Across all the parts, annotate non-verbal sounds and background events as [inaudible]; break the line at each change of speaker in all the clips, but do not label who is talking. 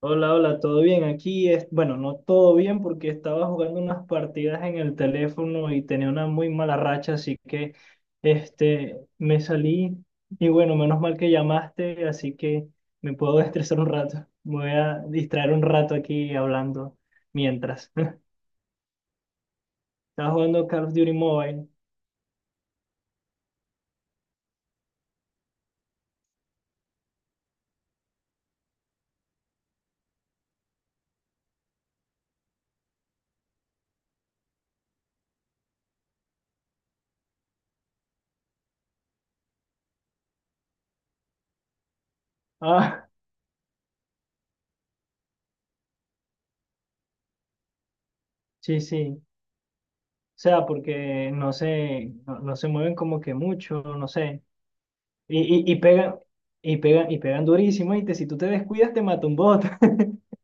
Hola, hola, ¿todo bien? Aquí es, bueno, no todo bien porque estaba jugando unas partidas en el teléfono y tenía una muy mala racha, así que este me salí y bueno, menos mal que llamaste, así que me puedo [laughs] estresar un rato. Me voy a distraer un rato aquí hablando mientras. [laughs] Estaba jugando Call of Duty Mobile. Ah, sí, sí. O sea, porque no se, no, no se mueven como que mucho, no sé. Y, y pegan, y pegan, y pegan durísimo, y si tú te descuidas te mata un bot. [laughs]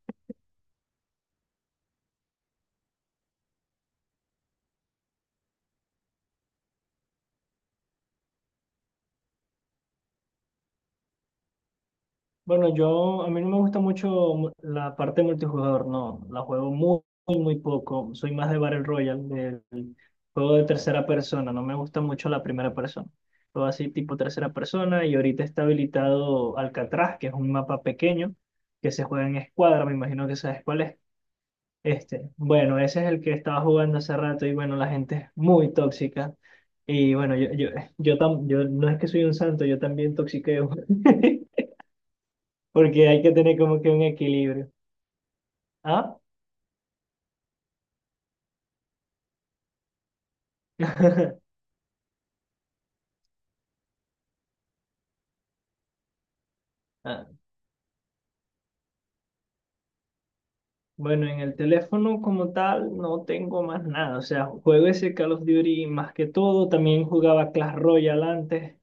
Bueno, yo, a mí no me gusta mucho mu- la parte multijugador, no, la juego muy, muy, muy poco, soy más de Battle Royale, del juego de tercera persona, no me gusta mucho la primera persona. Juego así tipo tercera persona, y ahorita está habilitado Alcatraz, que es un mapa pequeño, que se juega en escuadra, me imagino que sabes cuál es. Este, bueno, ese es el que estaba jugando hace rato y bueno, la gente es muy tóxica. Y bueno, yo, tam- yo no es que soy un santo, yo también toxiqueo, [laughs] porque hay que tener como que un equilibrio. ¿Ah? [laughs] Ah, bueno, en el teléfono como tal no tengo más nada, o sea, juego ese Call of Duty más que todo, también jugaba Clash Royale antes.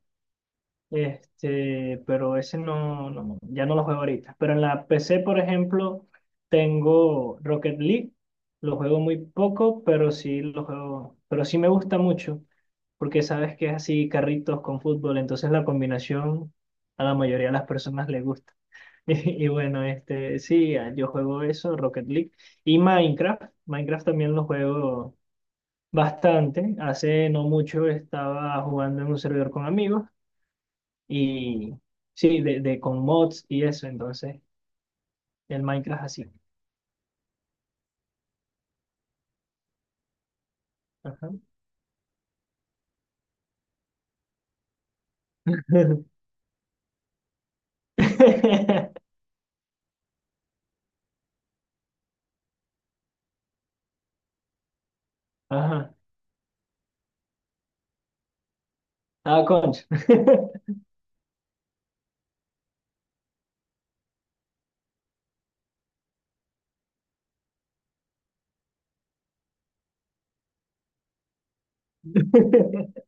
Este, pero ese no, no, ya no lo juego ahorita. Pero en la PC, por ejemplo, tengo Rocket League. Lo juego muy poco, pero sí lo juego, pero sí me gusta mucho, porque sabes que es así carritos con fútbol, entonces la combinación a la mayoría de las personas le gusta. [laughs] Y, bueno, este, sí, yo juego eso, Rocket League y Minecraft. Minecraft también lo juego bastante. Hace no mucho estaba jugando en un servidor con amigos y sí, de con mods y eso, entonces el Minecraft así. Ajá. [laughs] Ajá. Ah, concha. [laughs]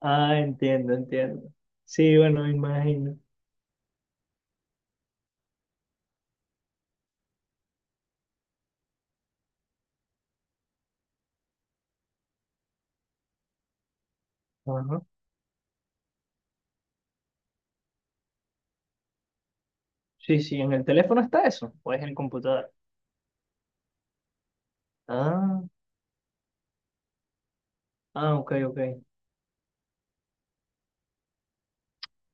Ah, entiendo, entiendo. Sí, bueno, me imagino. Ajá. Sí, sí, en el teléfono está eso, o es en el computador. Ah, ah, ok, ok.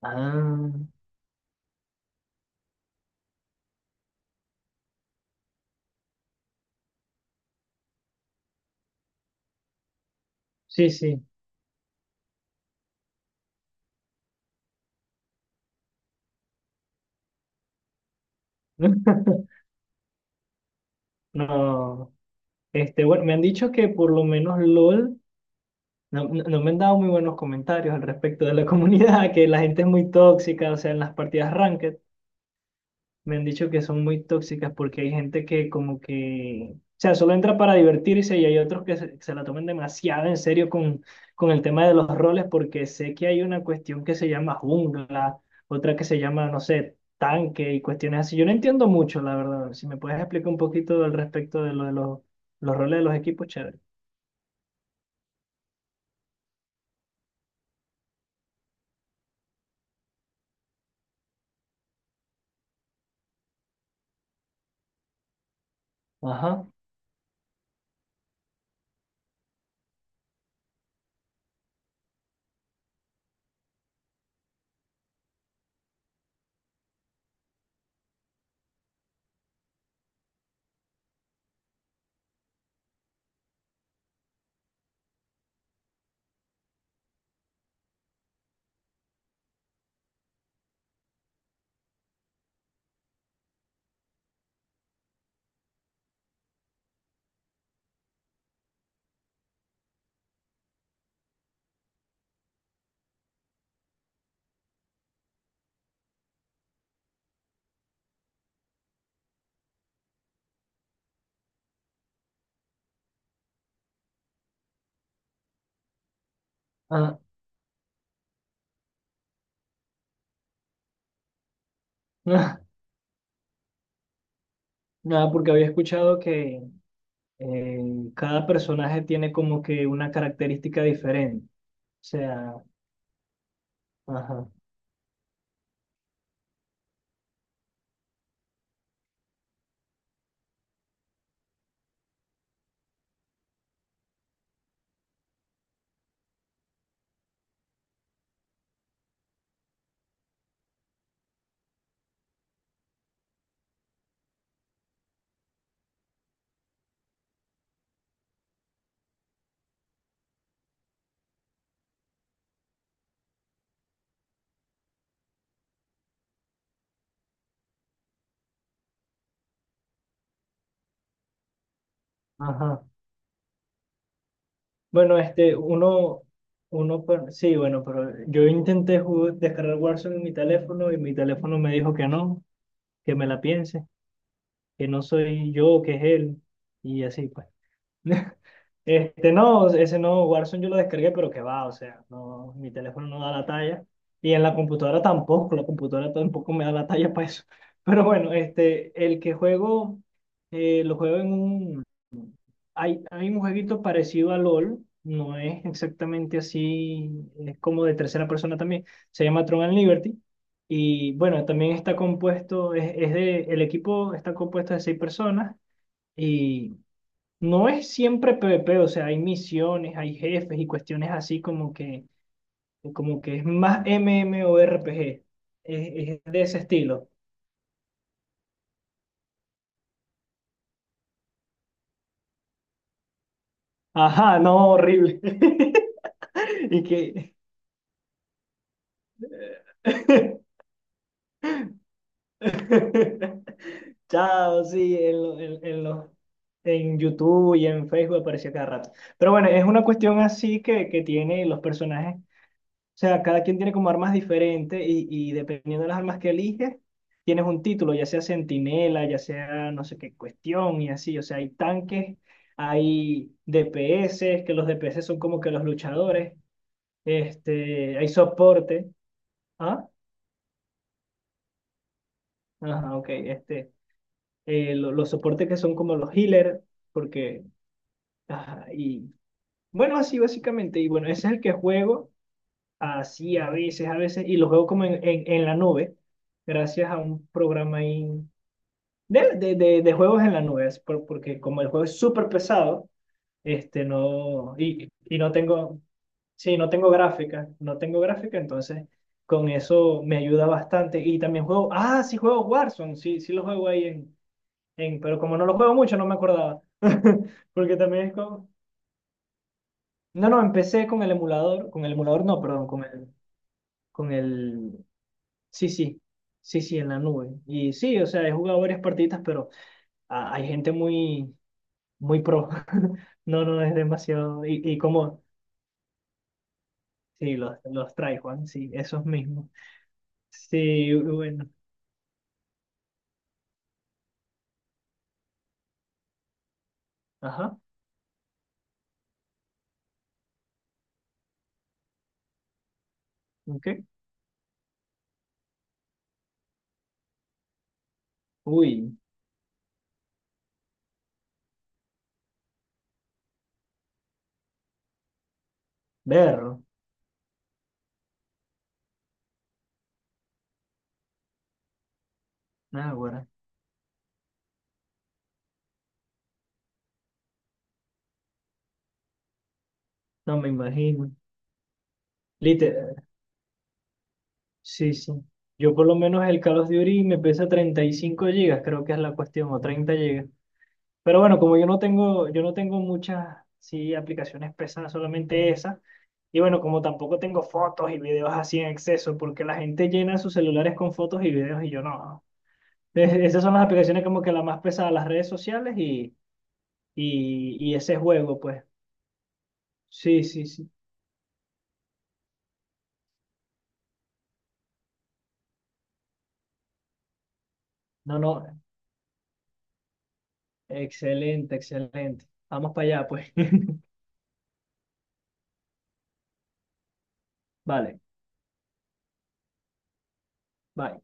Ah, sí, sí. [laughs] No, este, bueno, me han dicho que por lo menos LOL no, no- no me han dado muy buenos comentarios al respecto de la comunidad, [laughs] que la gente es muy tóxica, o sea, en las partidas ranked me han dicho que son muy tóxicas porque hay gente que como que, o sea, solo entra para divertirse y hay otros que se la toman demasiado en serio con el tema de los roles porque sé que hay una cuestión que se llama jungla, otra que se llama, no sé, tanque y cuestiones así. Yo no entiendo mucho, la verdad. Si me puedes explicar un poquito al respecto de lo de los roles de los equipos, chévere. Ajá. Ah. [laughs] Nada, porque había escuchado que eh, cada personaje tiene como que una característica diferente. O sea, ajá, ajá. Bueno, este, uno, per- sí, bueno, pero yo intenté ju- descargar Warzone en mi teléfono y mi teléfono me dijo que no, que me la piense, que no soy yo, que es él, y así pues. [laughs] Este, no, ese no, Warzone yo lo descargué, pero que va, o sea, no, mi teléfono no da la talla. Y en la computadora tampoco me da la talla para eso. [laughs] Pero bueno, este, el que juego, lo juego en un... Hay un jueguito parecido a LOL, no es exactamente así, es como de tercera persona también, se llama Tron and Liberty. Y bueno, también está compuesto, es de, el equipo está compuesto de seis personas. Y no es siempre PvP, o sea, hay misiones, hay jefes y cuestiones así como que es más MMORPG, es de ese estilo. Ajá, no, horrible. [laughs] Y que... [laughs] Chao, sí, en, lo- en los- en YouTube y en Facebook aparecía cada rato. Pero bueno, es una cuestión así que tiene los personajes. O sea, cada quien tiene como armas diferentes y dependiendo de las armas que eliges, tienes un título, ya sea centinela, ya sea no sé qué cuestión y así. O sea, hay tanques, hay DPS, que los DPS son como que los luchadores, este, hay soporte. Ah, ajá, ok, este, lo- los soportes que son como los healers, porque, ajá, y bueno, así básicamente. Y bueno, ese es el que juego. Así a veces, y los juego como en la nube, gracias a un programa ahí de juegos en la nube, es por- porque como el juego es súper pesado, este no, y no tengo, sí, no tengo gráfica, no tengo gráfica, entonces con eso me ayuda bastante. Y también juego, ah, sí juego Warzone, sí, sí lo juego ahí en, pero como no lo juego mucho, no me acordaba, [laughs] porque también es como, no, no, empecé con el emulador no, perdón, con el sí, sí, sí, sí, en la nube. Y sí, o sea, he jugado varias partidas, pero ah, hay gente muy, muy pro. [laughs] No, no, es demasiado. Y como, sí, los trae, Juan, sí, esos mismos. Sí, bueno, ajá, ok. Uy, verlo. Ah, bueno, no me imagino. Literal, sí, sí. Yo por lo menos el Call of Duty me pesa 35 gigas, creo que es la cuestión, o 30 gigas. Pero bueno, como yo no tengo muchas, sí, aplicaciones pesadas, solamente esa. Y bueno, como tampoco tengo fotos y videos así en exceso, porque la gente llena sus celulares con fotos y videos y yo no. Es- Esas son las aplicaciones como que la más pesada, las redes sociales y ese juego, pues. Sí, sí, sí. No, no. Excelente, excelente. Vamos para allá, pues. [laughs] Vale, bye.